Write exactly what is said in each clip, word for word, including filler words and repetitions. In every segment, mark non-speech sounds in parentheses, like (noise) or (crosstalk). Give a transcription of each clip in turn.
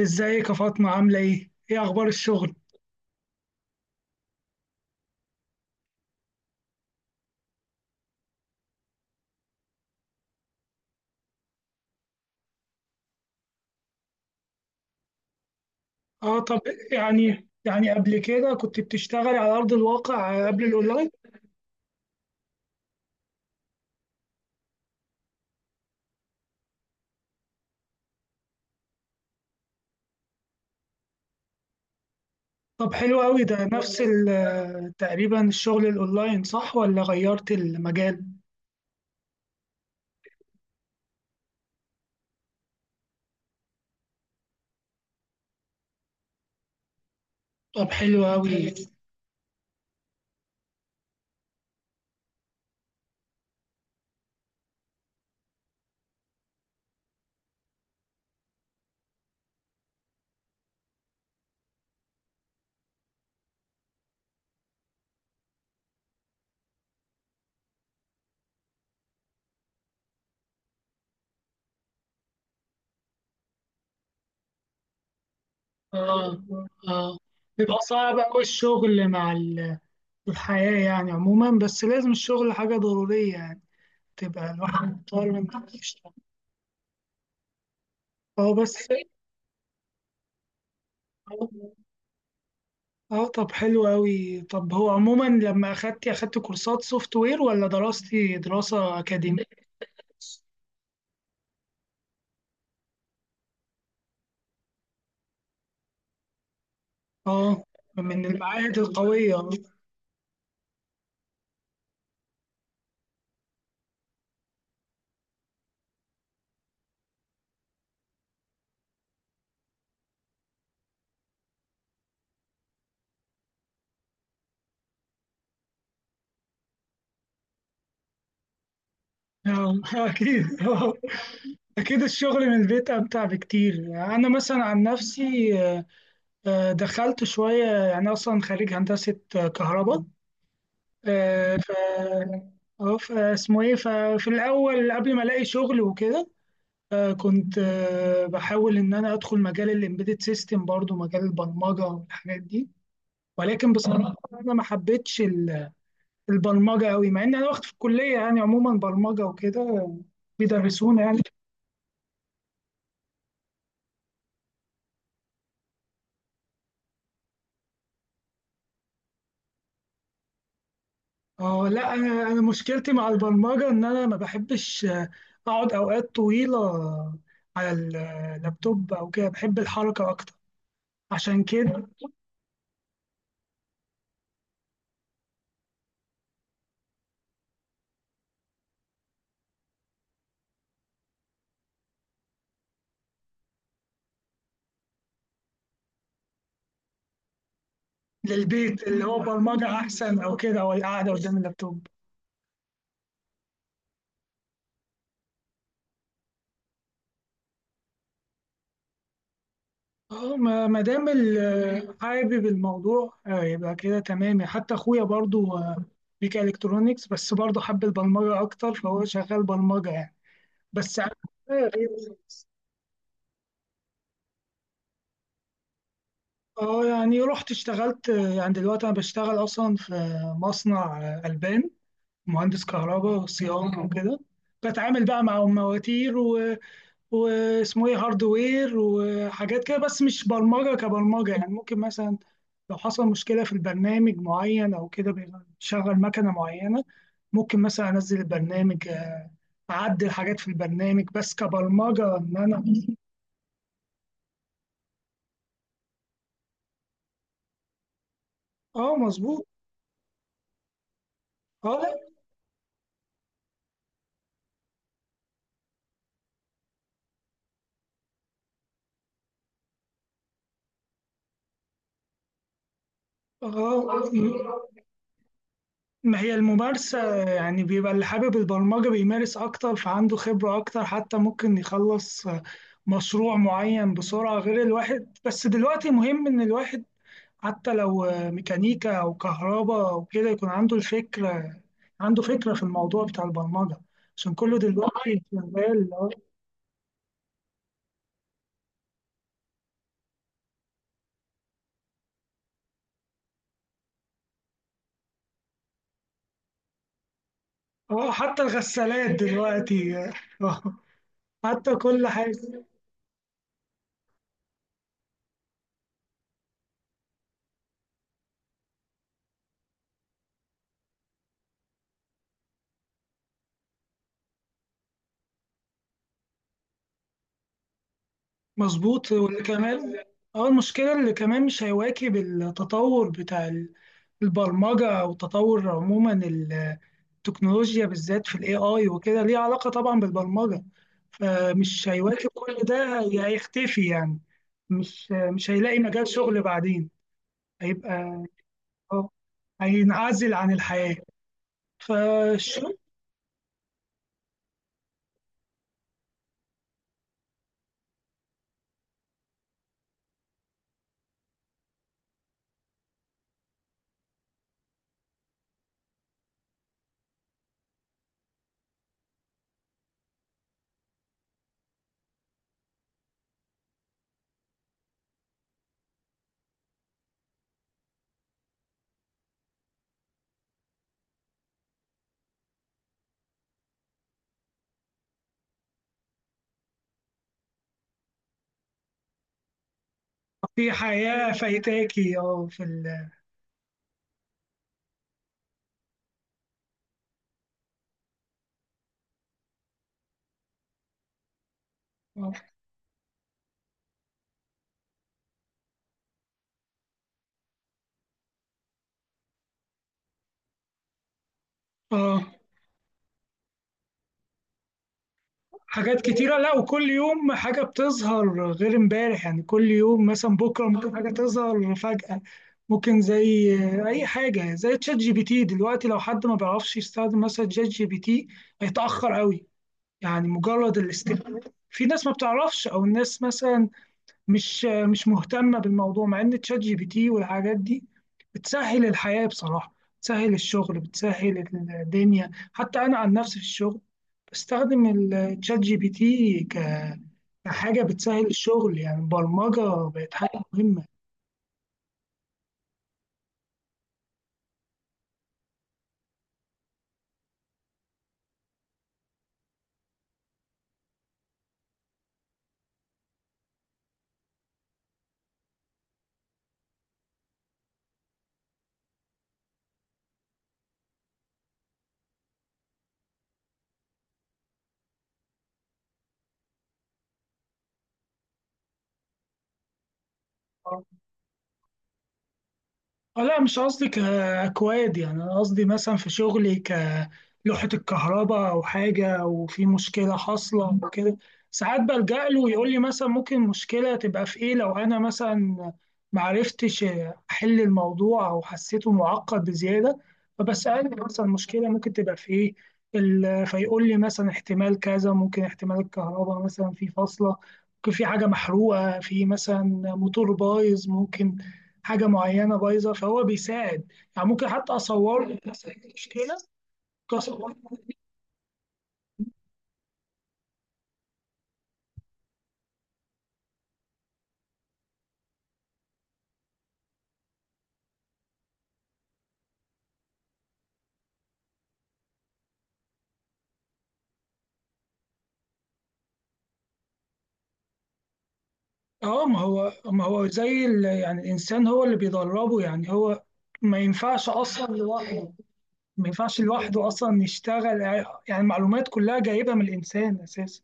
ازيك يا فاطمة عاملة ايه؟ ايه اخبار الشغل؟ اه طب يعني يعني قبل كده كنت بتشتغلي على ارض الواقع قبل الاونلاين؟ طب حلو قوي ده نفس ال- تقريبا الشغل الاونلاين صح ولا غيرت المجال؟ طب حلو قوي. اه اه بيبقى صعب قوي الشغل مع ال- الحياة يعني عموما، بس لازم الشغل حاجة ضرورية يعني، تبقى الواحد مضطر انه يشتغل. اه بس. اه طب حلو أوي، طب هو عموما لما أخدتي أخدت كورسات سوفت وير ولا دراستي دراسة أكاديمية؟ اه، من المعاهد القوية. آه، (laughs) أكيد آه. أكيد الشغل من البيت أمتع بكتير، أنا مثلا عن نفسي آه، دخلت شوية، يعني أصلا خريج هندسة كهرباء، آه، ف اه فاسمه ايه ففي الاول قبل ما الاقي شغل وكده آه، كنت آه، بحاول إن أنا أدخل مجال الإمبيدد سيستم، برضو مجال البرمجة والحاجات دي. ولكن بصراحة أنا ما حبيتش ال- البرمجة أوي، مع إن أنا واخد في الكلية يعني عموما برمجة وكده، بيدرسونا يعني. اه لا، أنا أنا مشكلتي مع البرمجة إن أنا ما بحبش آه، أقعد أوقات طويلة على ال- اللابتوب أو كده، بحب الحركة أكتر عشان كده. للبيت اللي هو برمجة أحسن أو كده، أو القعدة قدام اللابتوب. اه، ما ما دام ال- حابب الموضوع آه، يبقى كده تمام. حتى اخويا برضو آه، ميكا الكترونيكس، بس برضو حب البرمجه اكتر فهو شغال برمجه يعني. بس عن- (laughs) اه يعني رحت اشتغلت، آه، يعني دلوقتي انا بشتغل اصلا في مصنع آه، البان، مهندس كهرباء وصيانه وكده، بتعامل بقى مع المواتير واسمه ايه هاردوير وحاجات كده، بس مش برمجة كبرمجة يعني. ممكن مثلا لو حصل مشكلة في البرنامج معين أو كده بيشغل مكنة معينة، ممكن مثلا أنزل البرنامج، أعدل حاجات في البرنامج، بس كبرمجة إن أنا. اه مظبوط. اه لا، اه ما هي الممارسة يعني، بيبقى اللي حابب البرمجة بيمارس أكتر فعنده خبرة أكتر، حتى ممكن يخلص مشروع معين بسرعة غير الواحد. بس دلوقتي مهم إن الواحد حتى لو ميكانيكا أو كهرباء أو كده يكون عنده الفكرة، عنده فكرة في الموضوع بتاع البرمجة، عشان كله دلوقتي شغال. اه، آه، حتى الغسالات دلوقتي آه، آه، حتى كل حاجة. مظبوط، واللي كمان، اه المشكلة اللي كمان مش هيواكب التطور بتاع ال- البرمجة، أو تطور عموما التكنولوجيا، بالذات في ال A I وكده ليه علاقة طبعا بالبرمجة، فمش هيواكب كل ده هي- هيختفي يعني. مش مش هيلاقي مجال شغل بعدين، هيبقى، اه، هينعزل عن الحياة. فالشغل في حياة فايتاكي. اه، في ال، اه، آه، حاجات كتيرة. لا، وكل يوم حاجة بتظهر غير امبارح، يعني كل يوم مثلا بكرة ممكن حاجة تظهر فجأة. ممكن زي أي حاجة زي تشات جي بي تي دلوقتي، لو حد ما بيعرفش يستخدم مثلا تشات جي بي تي هيتأخر قوي، يعني مجرد الاستخدام. في ناس ما بتعرفش، او الناس مثلا مش مش مهتمه بالموضوع، مع ان تشات جي بي تي والحاجات دي بتسهل الحياه بصراحه، بتسهل الشغل، بتسهل الدنيا. حتى انا عن نفسي في الشغل بستخدم التشات جي بي تي ك- كحاجه بتسهل الشغل يعني، البرمجه بقت حاجه مهمه. اه لا مش قصدي كأكواد، يعني أنا قصدي مثلا في شغلي كلوحة الكهرباء أو حاجة، أو في مشكلة حاصلة أو كده ساعات بلجأ له، يقول لي مثلا ممكن مشكلة تبقى في إيه. لو أنا مثلا معرفتش أحل الموضوع أو حسيته معقد بزيادة، فبسأله مثلا المشكلة ممكن تبقى في إيه. ال- فيقول لي مثلا احتمال كذا، ممكن احتمال الكهرباء مثلا في فاصلة، ممكن في حاجة محروقة في مثلا موتور بايظ، ممكن حاجه معينه بايظه، فهو بيساعد يعني. ممكن حتى اصور له مشكله، ممكن أصور- اه ما هو ما هو زي ال- يعني الانسان هو اللي بيدربه يعني، هو ما ينفعش اصلا لوحده، ما ينفعش لوحده اصلا يشتغل يعني، المعلومات كلها جايبه من الانسان اساسا،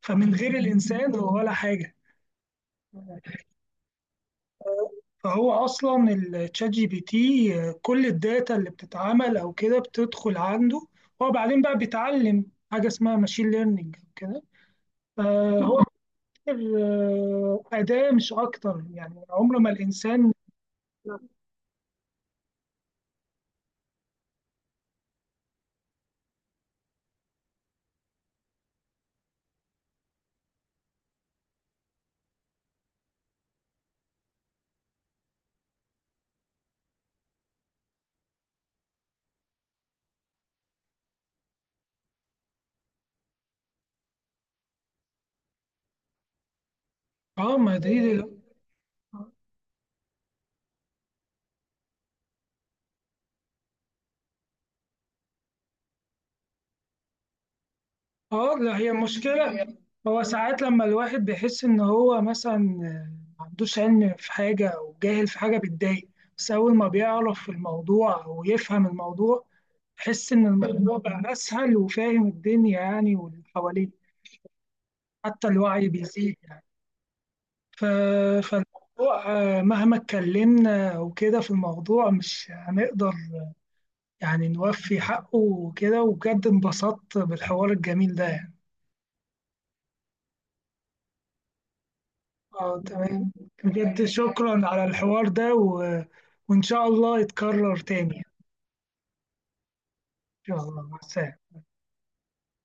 فمن غير الانسان هو ولا حاجه. فهو اصلا التشات جي بي تي، آه، كل الداتا اللي بتتعمل او كده بتدخل عنده، هو بعدين بقى بيتعلم، حاجه اسمها ماشين ليرنينج وكده، فهو آه، أداة مش أكتر يعني، عمر ما الإنسان. آه، ما دي، آه لا هي مشكلة. هو ساعات لما الواحد بيحس إن هو مثلا آه، ما عندوش علم في حاجة أو جاهل في حاجة بتضايق، بس أول ما بيعرف في الموضوع أو يفهم الموضوع يحس إن الموضوع بقى أسهل، وفاهم الدنيا يعني واللي حواليه، حتى الوعي بيزيد يعني. ف... فالموضوع آه، مهما اتكلمنا وكده في الموضوع مش هنقدر يعني نوفي حقه وكده، وبجد انبسطت بالحوار الجميل ده يعني. اه تمام، بجد شكرا على الحوار ده و... وإن شاء الله يتكرر تاني يعني. إن شاء الله، مع السلامة.